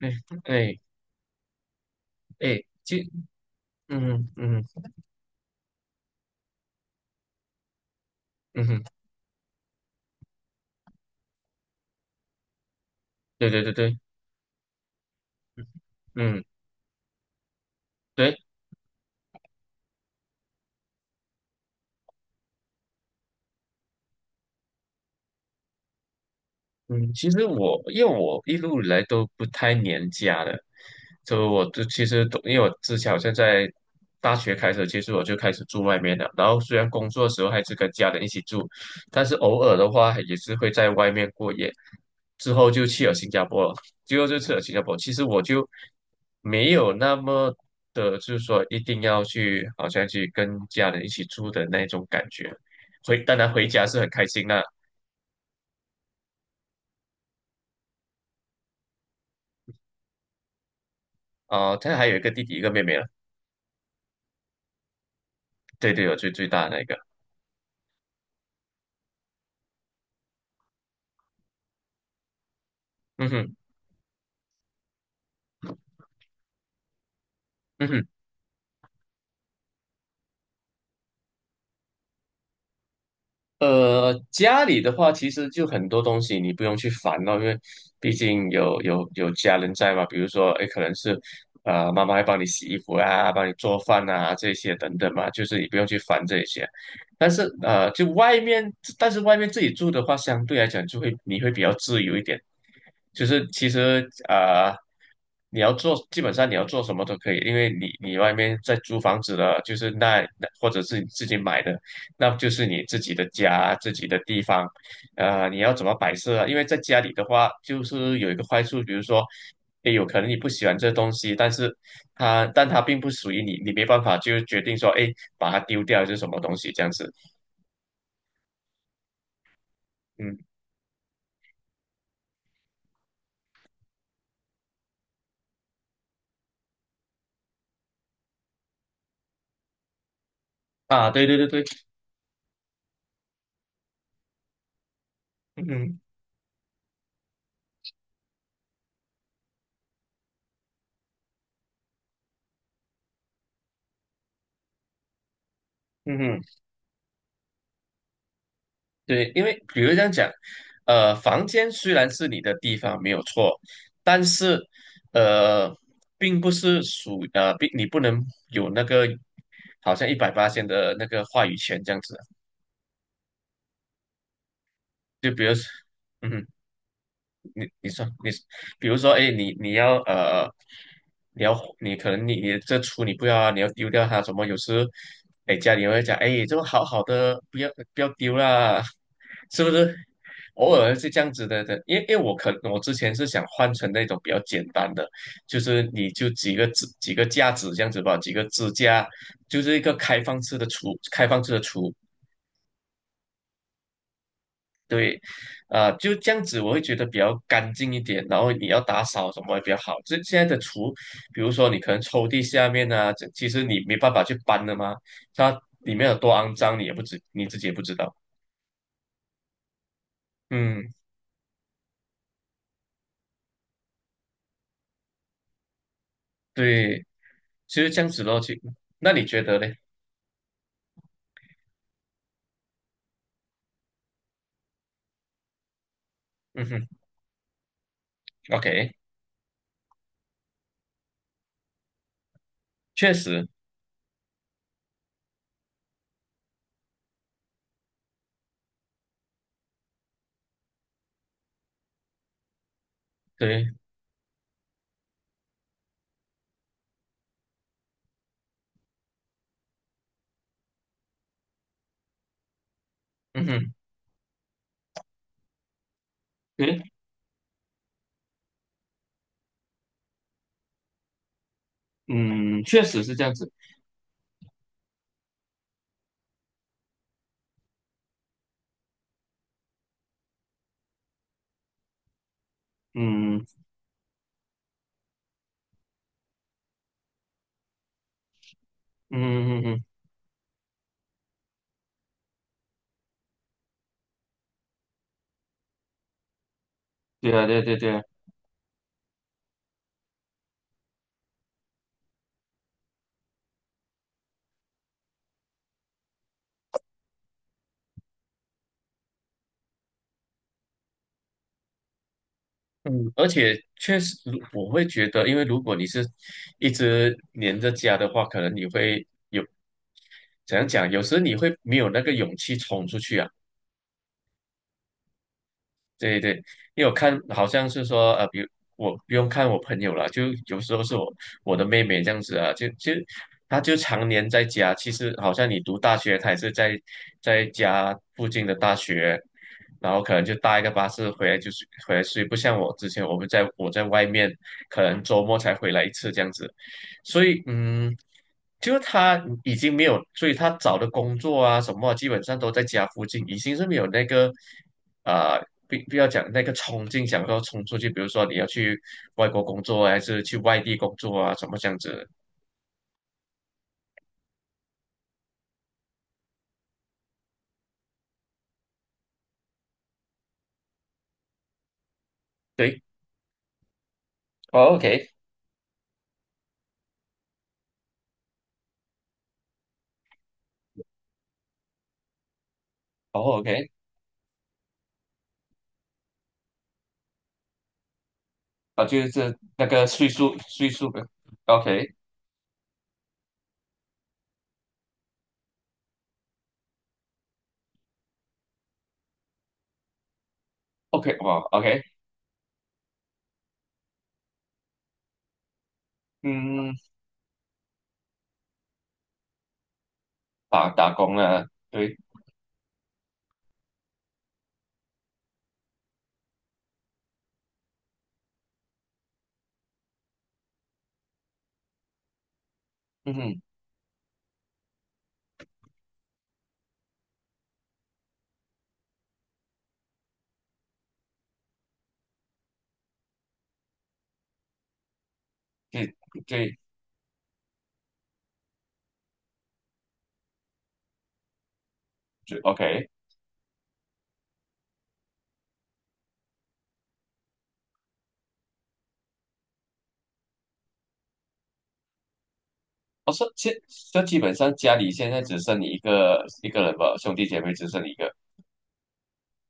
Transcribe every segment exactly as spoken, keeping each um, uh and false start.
哎哎哎，其嗯嗯嗯，对对对对，嗯嗯，对。嗯，其实我因为我一路以来都不太黏家的。就我就其实都因为我之前好像在大学开始，其实我就开始住外面了。然后虽然工作的时候还是跟家人一起住，但是偶尔的话也是会在外面过夜。之后就去了新加坡了，最后就去了新加坡。其实我就没有那么的，就是说一定要去，好像去跟家人一起住的那种感觉。回当然回家是很开心的啊。他还有一个弟弟一个妹妹了。对对，有最最大的那个。嗯哼，嗯哼。呃，家里的话，其实就很多东西你不用去烦咯，因为毕竟有有有家人在嘛。比如说，哎，可能是呃，妈妈会帮你洗衣服啊，帮你做饭啊，这些等等嘛，就是你不用去烦这些。但是呃，就外面，但是外面自己住的话，相对来讲就会你会比较自由一点。就是其实啊、呃你要做基本上你要做什么都可以，因为你你外面在租房子的，就是那那或者是你自己买的。那就是你自己的家、自己的地方。呃，你要怎么摆设啊？因为在家里的话，就是有一个坏处。比如说，也有可能你不喜欢这东西，但是它，但它并不属于你，你没办法就决定说，哎，把它丢掉还是什么东西这样子。嗯，啊，对对对对。嗯嗯嗯，对，因为比如这样讲，呃，房间虽然是你的地方没有错，但是呃，并不是属呃，并你不能有那个好像一百八千的那个话语权这样子啊。就比如说，嗯哼。你你说你，比如说，哎，你你要呃，你要你可能你你这厨你不要啊，你要丢掉它。怎么有时，哎，家里会讲，哎，这个好好的，不要不要丢啦，是不是？偶尔是这样子的的，因为因为我可我之前是想换成那种比较简单的，就是你就几个支几个架子这样子吧，几个支架，就是一个开放式的厨，开放式的厨。对，啊、就这样子，我会觉得比较干净一点。然后你要打扫什么也比较好。这现在的厨，比如说你可能抽屉下面啊，这其实你没办法去搬的嘛，它里面有多肮脏，你也不知你自己也不知道。嗯，对，其实这样子咯。其那你觉得嘞？嗯哼，OK，确实，对，嗯哼，对，嗯，确实是这样子。嗯嗯嗯嗯，嗯嗯，对啊，对对对啊。嗯，而且确实，如我会觉得，因为如果你是一直黏着家的话，可能你会有怎样讲，有时你会没有那个勇气冲出去啊。对对，因为我看好像是说，呃，比如我不用看我朋友了，就有时候是我我的妹妹这样子啊，就就她就常年在家。其实好像你读大学，她也是在在家附近的大学，然后可能就搭一个巴士回来就是回来睡，不像我之前我们在我在外面，可能周末才回来一次这样子。所以嗯，就是他已经没有，所以他找的工作啊什么啊，基本上都在家附近，已经是没有那个啊、不不要讲那个冲劲，想说冲出去。比如说你要去外国工作啊还是去外地工作啊，什么这样子的。对，哦，OK，哦，OK。啊，就是那个岁数岁数的。OK，OK。哇，OK。嗯，打打工了，对。嗯哼，对对对。OK。我说现就基本上家里现在只剩你一个一个人吧，兄弟姐妹只剩你一个。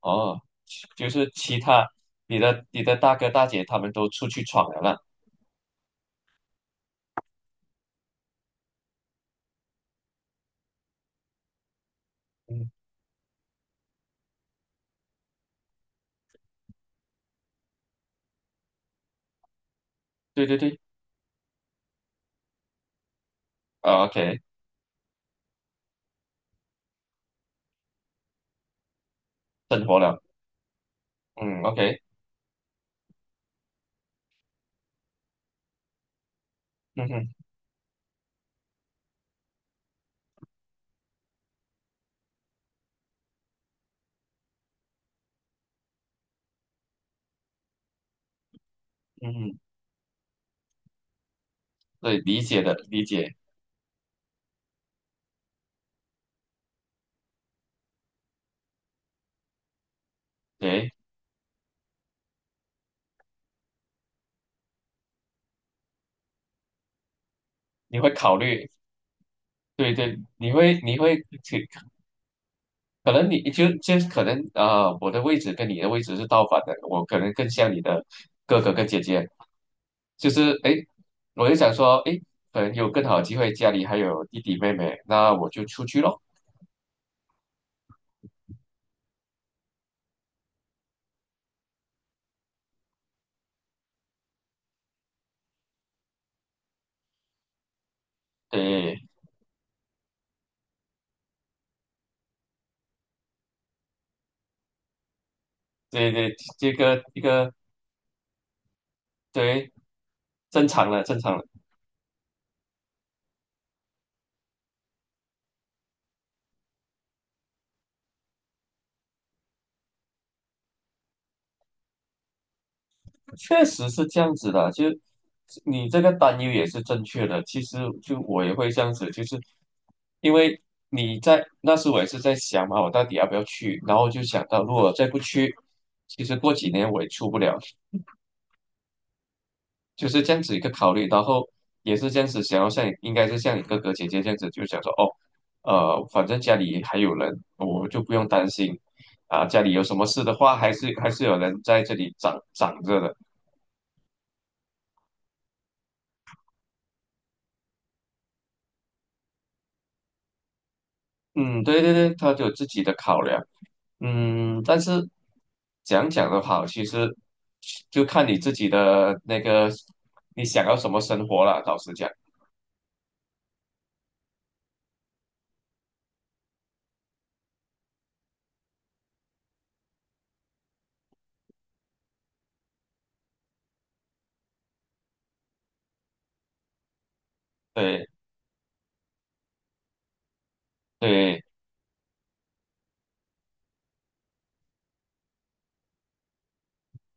哦，就是其他你的你的大哥大姐他们都出去闯了啦。嗯，对对对，啊，OK，生活了，嗯，OK，嗯哼，嗯哼。对，理解的，理解。对，你会考虑，对对，你会你会可能你就就可能啊、呃我的位置跟你的位置是倒反的，我可能更像你的哥哥跟姐姐。就是哎，诶我就想说，哎，可能有更好的机会，家里还有弟弟妹妹，那我就出去咯。对，对对，这个一个对，正常了，正常了，确实是这样子的。就你这个担忧也是正确的。其实就我也会这样子，就是因为你在那时我也是在想嘛，我到底要不要去？然后就想到，如果再不去，其实过几年我也出不了。就是这样子一个考虑。然后也是这样子想要像你应该是像你哥哥姐姐这样子，就想说哦，呃，反正家里还有人，我就不用担心啊，家里有什么事的话，还是还是有人在这里长长着的。嗯，对对对，他有自己的考量。嗯，但是讲讲的话，其实就看你自己的那个你想要什么生活了。老实讲，对对，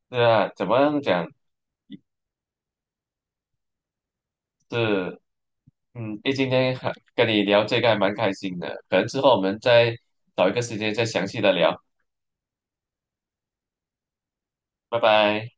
对啊，怎么样讲是。嗯，诶，今天还跟你聊这个还蛮开心的，可能之后我们再找一个时间再详细的聊，拜拜。